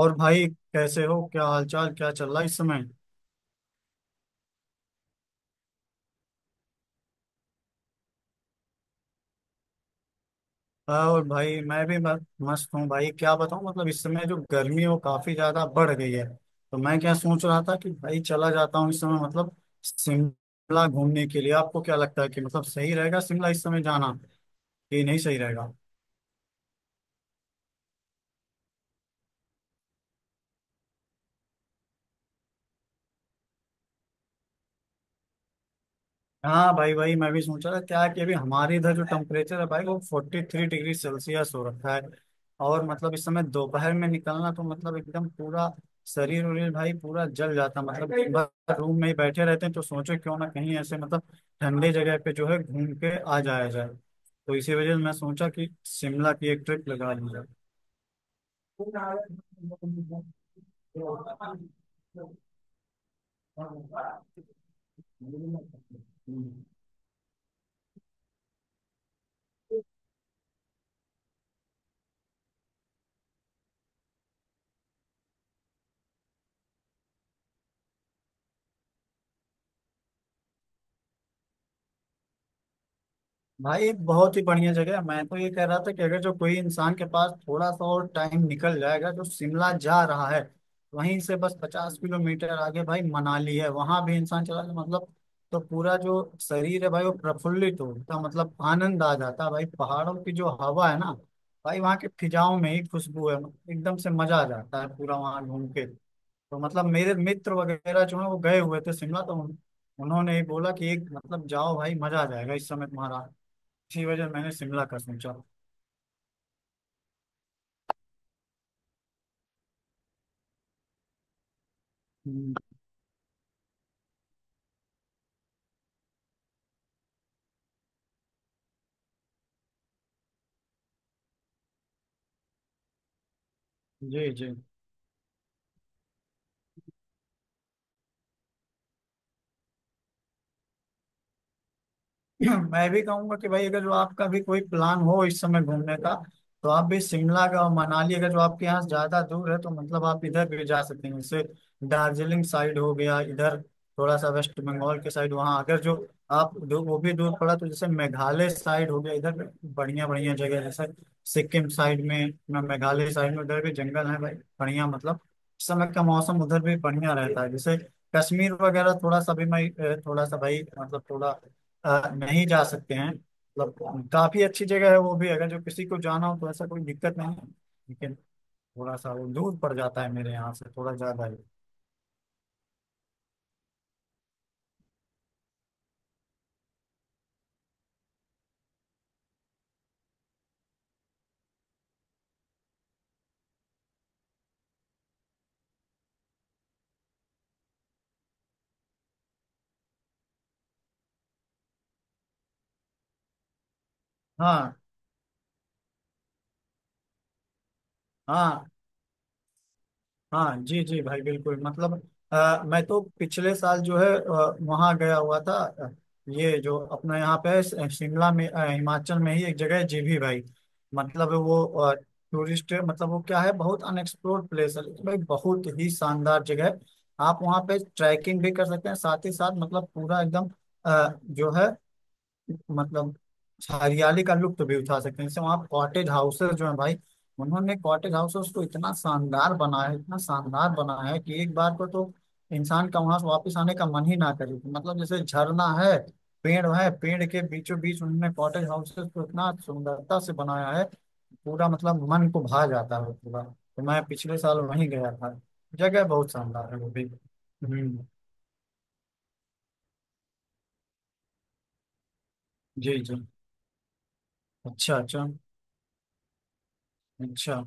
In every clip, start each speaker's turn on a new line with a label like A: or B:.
A: और भाई। कैसे हो? क्या हालचाल? क्या चल रहा है इस समय? हाँ, और भाई मैं भी मस्त हूँ भाई। क्या बताऊँ मतलब इस समय जो गर्मी है वो काफी ज्यादा बढ़ गई है। तो मैं क्या सोच रहा था कि भाई चला जाता हूँ इस समय मतलब शिमला घूमने के लिए। आपको क्या लगता है कि मतलब सही रहेगा शिमला इस समय जाना कि नहीं सही रहेगा? हाँ भाई भाई मैं भी सोच रहा था क्या कि अभी हमारे इधर जो टेम्परेचर है भाई वो 43 डिग्री सेल्सियस हो रखा है। और मतलब इस समय दोपहर में निकलना तो मतलब एकदम पूरा शरीर उरीर भाई पूरा जल जाता मतलब बस रूम में ही बैठे रहते हैं। तो सोचो क्यों ना कहीं ऐसे मतलब ठंडे जगह पे जो है घूम के आ जाया जाए। तो इसी वजह से मैं सोचा कि शिमला की एक ट्रिप लगा ली जाए। भाई बहुत ही बढ़िया जगह है। मैं तो ये कह रहा था कि अगर जो कोई इंसान के पास थोड़ा सा और टाइम निकल जाएगा जो शिमला जा रहा है वहीं से बस 50 किलोमीटर आगे भाई मनाली है वहां भी इंसान चला जाए मतलब। तो पूरा जो शरीर है भाई वो प्रफुल्लित होता मतलब आनंद आ जाता है भाई पहाड़ों की जो हवा है ना। भाई वहाँ के फिजाओं में ही खुशबू है एकदम से मजा आ जाता है पूरा वहाँ घूम के। तो मतलब मेरे मित्र वगैरह जो है वो गए हुए थे शिमला तो उन्होंने ही बोला कि एक मतलब जाओ भाई मजा आ जाएगा इस समय तुम्हारा। इसी वजह मैंने शिमला का सोचा। हम्म, जी जी। मैं भी कहूंगा कि भाई अगर जो आपका भी कोई प्लान हो इस समय घूमने का तो आप भी शिमला का और मनाली अगर जो आपके यहाँ से ज्यादा दूर है तो मतलब आप इधर भी जा सकते हैं। जैसे दार्जिलिंग साइड हो गया इधर थोड़ा सा वेस्ट बंगाल के साइड वहाँ। अगर जो वो भी दूर पड़ा तो जैसे मेघालय साइड हो गया इधर बढ़िया बढ़िया जगह है, जैसे सिक्किम साइड में ना मेघालय साइड में उधर भी जंगल है भाई बढ़िया मतलब। इस समय का मौसम उधर भी बढ़िया रहता है। जैसे कश्मीर वगैरह थोड़ा सा भी मैं थोड़ा सा भाई मतलब थोड़ा नहीं जा सकते हैं मतलब काफी अच्छी जगह है वो भी अगर जो किसी को जाना हो तो ऐसा कोई दिक्कत नहीं है। लेकिन थोड़ा सा वो दूर पड़ जाता है मेरे यहाँ से थोड़ा ज्यादा ही। हाँ हाँ हाँ, जी जी भाई बिल्कुल मतलब मैं तो पिछले साल जो है वहाँ गया हुआ था। ये जो अपना यहाँ पे है, शिमला में हिमाचल में ही एक जगह है जीभी भाई। मतलब वो टूरिस्ट मतलब वो क्या है बहुत अनएक्सप्लोर्ड प्लेस है लेकिन भाई बहुत ही शानदार जगह है। आप वहाँ पे ट्रैकिंग भी कर सकते हैं साथ ही साथ मतलब पूरा एकदम जो है मतलब हरियाली का लुत्फ भी उठा सकते हैं। जैसे वहाँ कॉटेज हाउसेस जो है भाई उन्होंने कॉटेज हाउसेस को इतना शानदार बनाया है इतना शानदार बनाया है कि एक बार को तो इंसान का वहां से वापस आने का मन ही ना करे। मतलब जैसे झरना है पेड़ के बीचों बीच उन्होंने कॉटेज हाउसेस को इतना सुंदरता से बनाया है पूरा मतलब मन को भा जाता है पूरा। तो मैं पिछले साल वहीं गया था। जगह बहुत शानदार है वो भी। हम्म, जी जी। अच्छा अच्छा। अच्छा।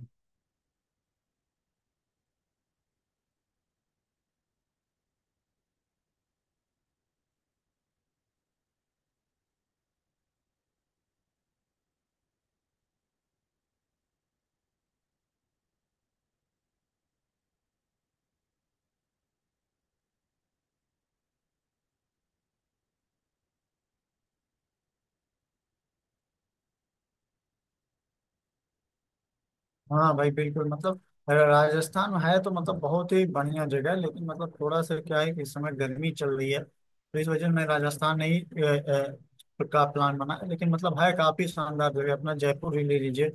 A: हाँ भाई बिल्कुल मतलब राजस्थान है तो मतलब बहुत ही बढ़िया जगह है लेकिन मतलब थोड़ा सा क्या है कि इस समय गर्मी चल रही है तो इस वजह से मैं राजस्थान नहीं का प्लान बना है। लेकिन मतलब है काफी शानदार जगह अपना जयपुर ही ले लीजिए।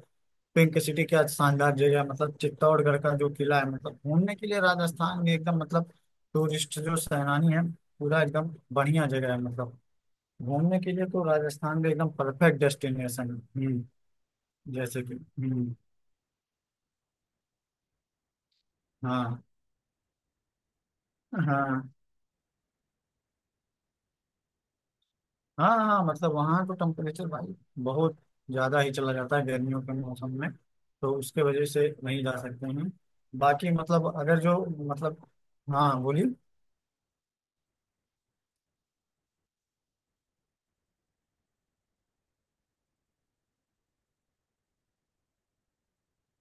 A: पिंक सिटी क्या शानदार जगह है मतलब चित्तौड़गढ़ का जो किला है मतलब घूमने के लिए राजस्थान में एकदम मतलब टूरिस्ट जो सैलानी है पूरा एकदम बढ़िया जगह है मतलब घूमने के लिए तो राजस्थान में एकदम परफेक्ट डेस्टिनेशन है। हम्म। जैसे कि हम्म। हाँ हाँ हाँ हाँ हाँ, मतलब वहाँ तो टेम्परेचर भाई बहुत ज़्यादा ही चला जाता है गर्मियों के मौसम में। तो उसके वजह से नहीं जा सकते हैं। बाकी मतलब अगर जो मतलब। हाँ बोलिए।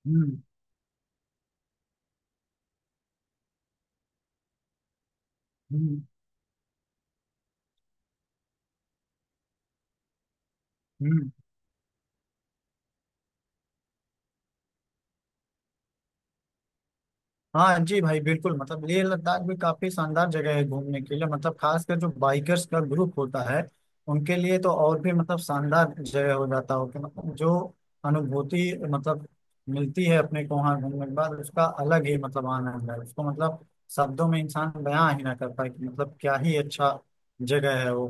A: हम्म। हम्म। हम्म। हाँ जी भाई बिल्कुल मतलब लेह लद्दाख भी काफी शानदार जगह है घूमने के लिए मतलब खासकर जो बाइकर्स का ग्रुप होता है उनके लिए तो और भी मतलब शानदार जगह हो जाता हो कि मतलब जो अनुभूति मतलब मिलती है अपने को वहाँ घूमने के बाद उसका अलग ही मतलब आनंद है उसको मतलब शब्दों में इंसान बयां ही ना कर पाए कि मतलब क्या ही अच्छा जगह है वो।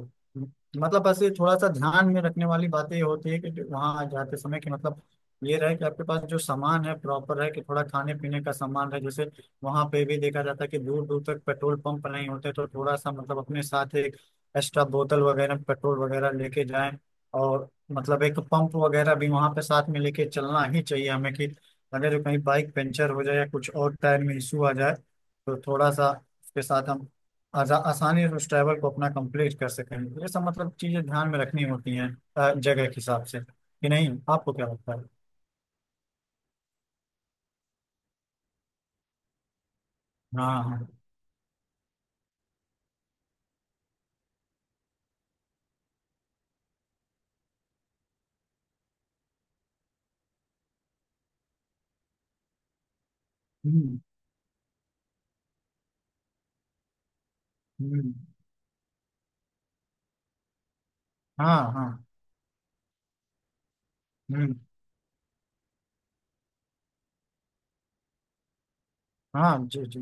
A: मतलब बस ये थोड़ा सा ध्यान में रखने वाली बात ये होती है कि वहाँ जाते समय कि मतलब ये रहे कि आपके पास जो सामान है प्रॉपर है कि थोड़ा खाने पीने का सामान है। जैसे वहां पे भी देखा जाता है कि दूर दूर तक पेट्रोल पंप नहीं होते तो थोड़ा सा मतलब अपने साथ एक एक्स्ट्रा बोतल वगैरह पेट्रोल वगैरह लेके जाएं। और मतलब एक पंप वगैरह भी वहां पे साथ में लेके चलना ही चाहिए हमें कि अगर कहीं बाइक पंचर हो जाए या कुछ और टायर में इशू आ जाए तो थोड़ा सा उसके साथ हम आसानी से उस ट्रैवल को अपना कंप्लीट कर सकें। ये सब मतलब चीजें ध्यान में रखनी होती हैं जगह के हिसाब से। कि नहीं, आपको क्या लगता है? हाँ हाँ। हम्म। हम्म। हाँ हाँ। हम्म। हाँ जी जी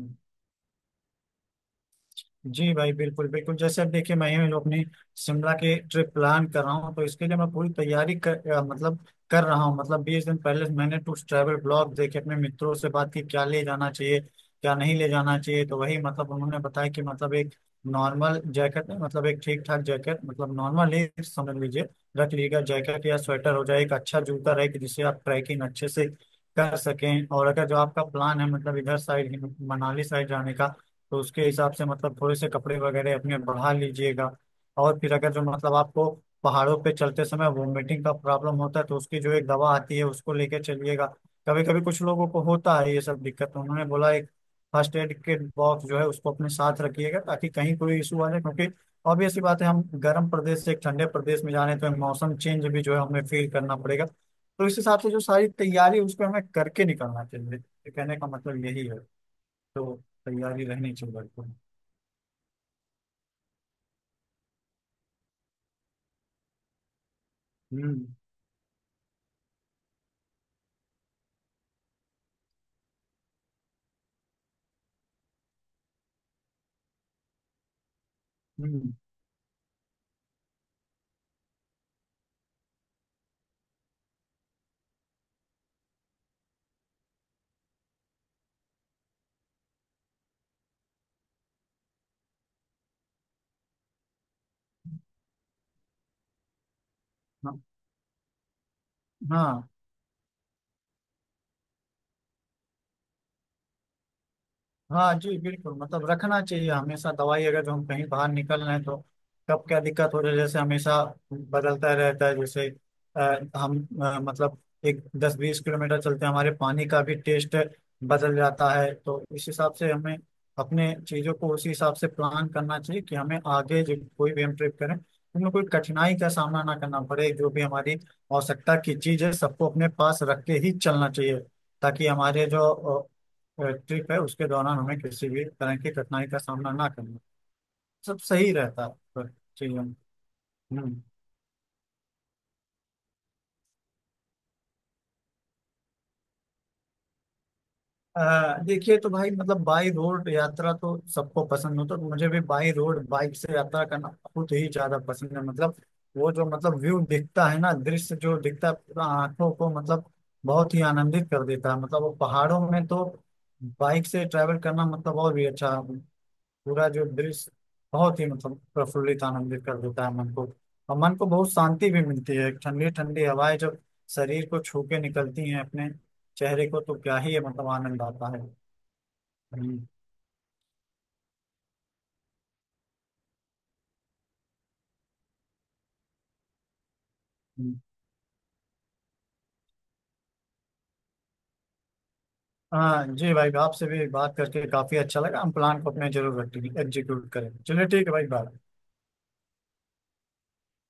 A: जी भाई बिल्कुल बिल्कुल। जैसे अब देखिए मैं ही अपनी शिमला की ट्रिप प्लान कर रहा हूँ तो इसके लिए मैं पूरी तैयारी कर मतलब कर रहा हूँ। मतलब 20 दिन पहले से मैंने टूर ट्रैवल ब्लॉग देखे अपने मित्रों से बात की क्या ले जाना चाहिए क्या नहीं ले जाना चाहिए। तो वही मतलब उन्होंने बताया कि मतलब एक नॉर्मल जैकेट मतलब एक ठीक ठाक जैकेट मतलब नॉर्मल ही समझ लीजिए रख लीजिएगा। जैकेट या स्वेटर हो जाए एक अच्छा जूता रहे कि जिससे आप ट्रैकिंग अच्छे से कर सकें। और अगर जो आपका प्लान है मतलब इधर साइड मनाली साइड जाने का तो उसके हिसाब से मतलब थोड़े से कपड़े वगैरह अपने बढ़ा लीजिएगा। और फिर अगर जो मतलब आपको पहाड़ों पे चलते समय वोमिटिंग का प्रॉब्लम होता है तो उसकी जो एक दवा आती है उसको लेके चलिएगा। कभी कभी कुछ लोगों को होता है ये सब दिक्कत। तो उन्होंने बोला एक फर्स्ट एड किट बॉक्स जो है उसको अपने साथ रखिएगा ताकि कहीं कोई इशू आ जाए। क्योंकि ऑब्वियस सी बात है हम गर्म प्रदेश से एक ठंडे प्रदेश में जाने तो मौसम चेंज भी जो है हमें फील करना पड़ेगा। तो इस हिसाब से जो सारी तैयारी है, उसको हमें करके निकलना चाहिए। तो कहने का मतलब यही है तो तैयारी रहनी चाहिए। हम्म। हम्म। हाँ हाँ। हाँ जी बिल्कुल मतलब रखना चाहिए हमेशा दवाई अगर जो हम कहीं बाहर निकल रहे हैं तो कब क्या दिक्कत हो रही है जैसे हमेशा बदलता रहता है। जैसे हम मतलब एक 10 20 किलोमीटर चलते हैं हमारे पानी का भी टेस्ट बदल जाता है। तो इस हिसाब से हमें अपने चीज़ों को उसी हिसाब से प्लान करना चाहिए कि हमें आगे जो कोई भी हम ट्रिप करें उनमें कोई कठिनाई का सामना ना करना पड़े। जो भी हमारी आवश्यकता की चीज़ है सबको अपने पास रख के ही चलना चाहिए ताकि हमारे जो ट्रिप है उसके दौरान हमें किसी भी तरह की कठिनाई का सामना ना करना। सब सही रहता है चीजों में। हम्म। देखिए तो भाई मतलब बाई रोड यात्रा तो सबको पसंद हो तो मुझे भी बाई रोड बाइक से यात्रा करना बहुत ही ज्यादा पसंद है। मतलब वो जो मतलब व्यू दिखता है ना दृश्य जो दिखता है पूरा आंखों को मतलब बहुत ही आनंदित कर देता है। मतलब वो पहाड़ों में तो बाइक से ट्रैवल करना मतलब और भी अच्छा पूरा जो दृश्य बहुत ही मतलब प्रफुल्लित आनंदित कर देता है मन को। और मन को बहुत शांति भी मिलती है ठंडी ठंडी हवाएं जब शरीर को छू के निकलती हैं अपने चेहरे को तो क्या ही मतलब आनंद आता है। हम्म, हम्म। हाँ जी भाई आपसे भी बात करके काफी अच्छा लगा हम प्लान को अपने जरूर एग्जीक्यूट करें। चलिए ठीक है भाई बाय।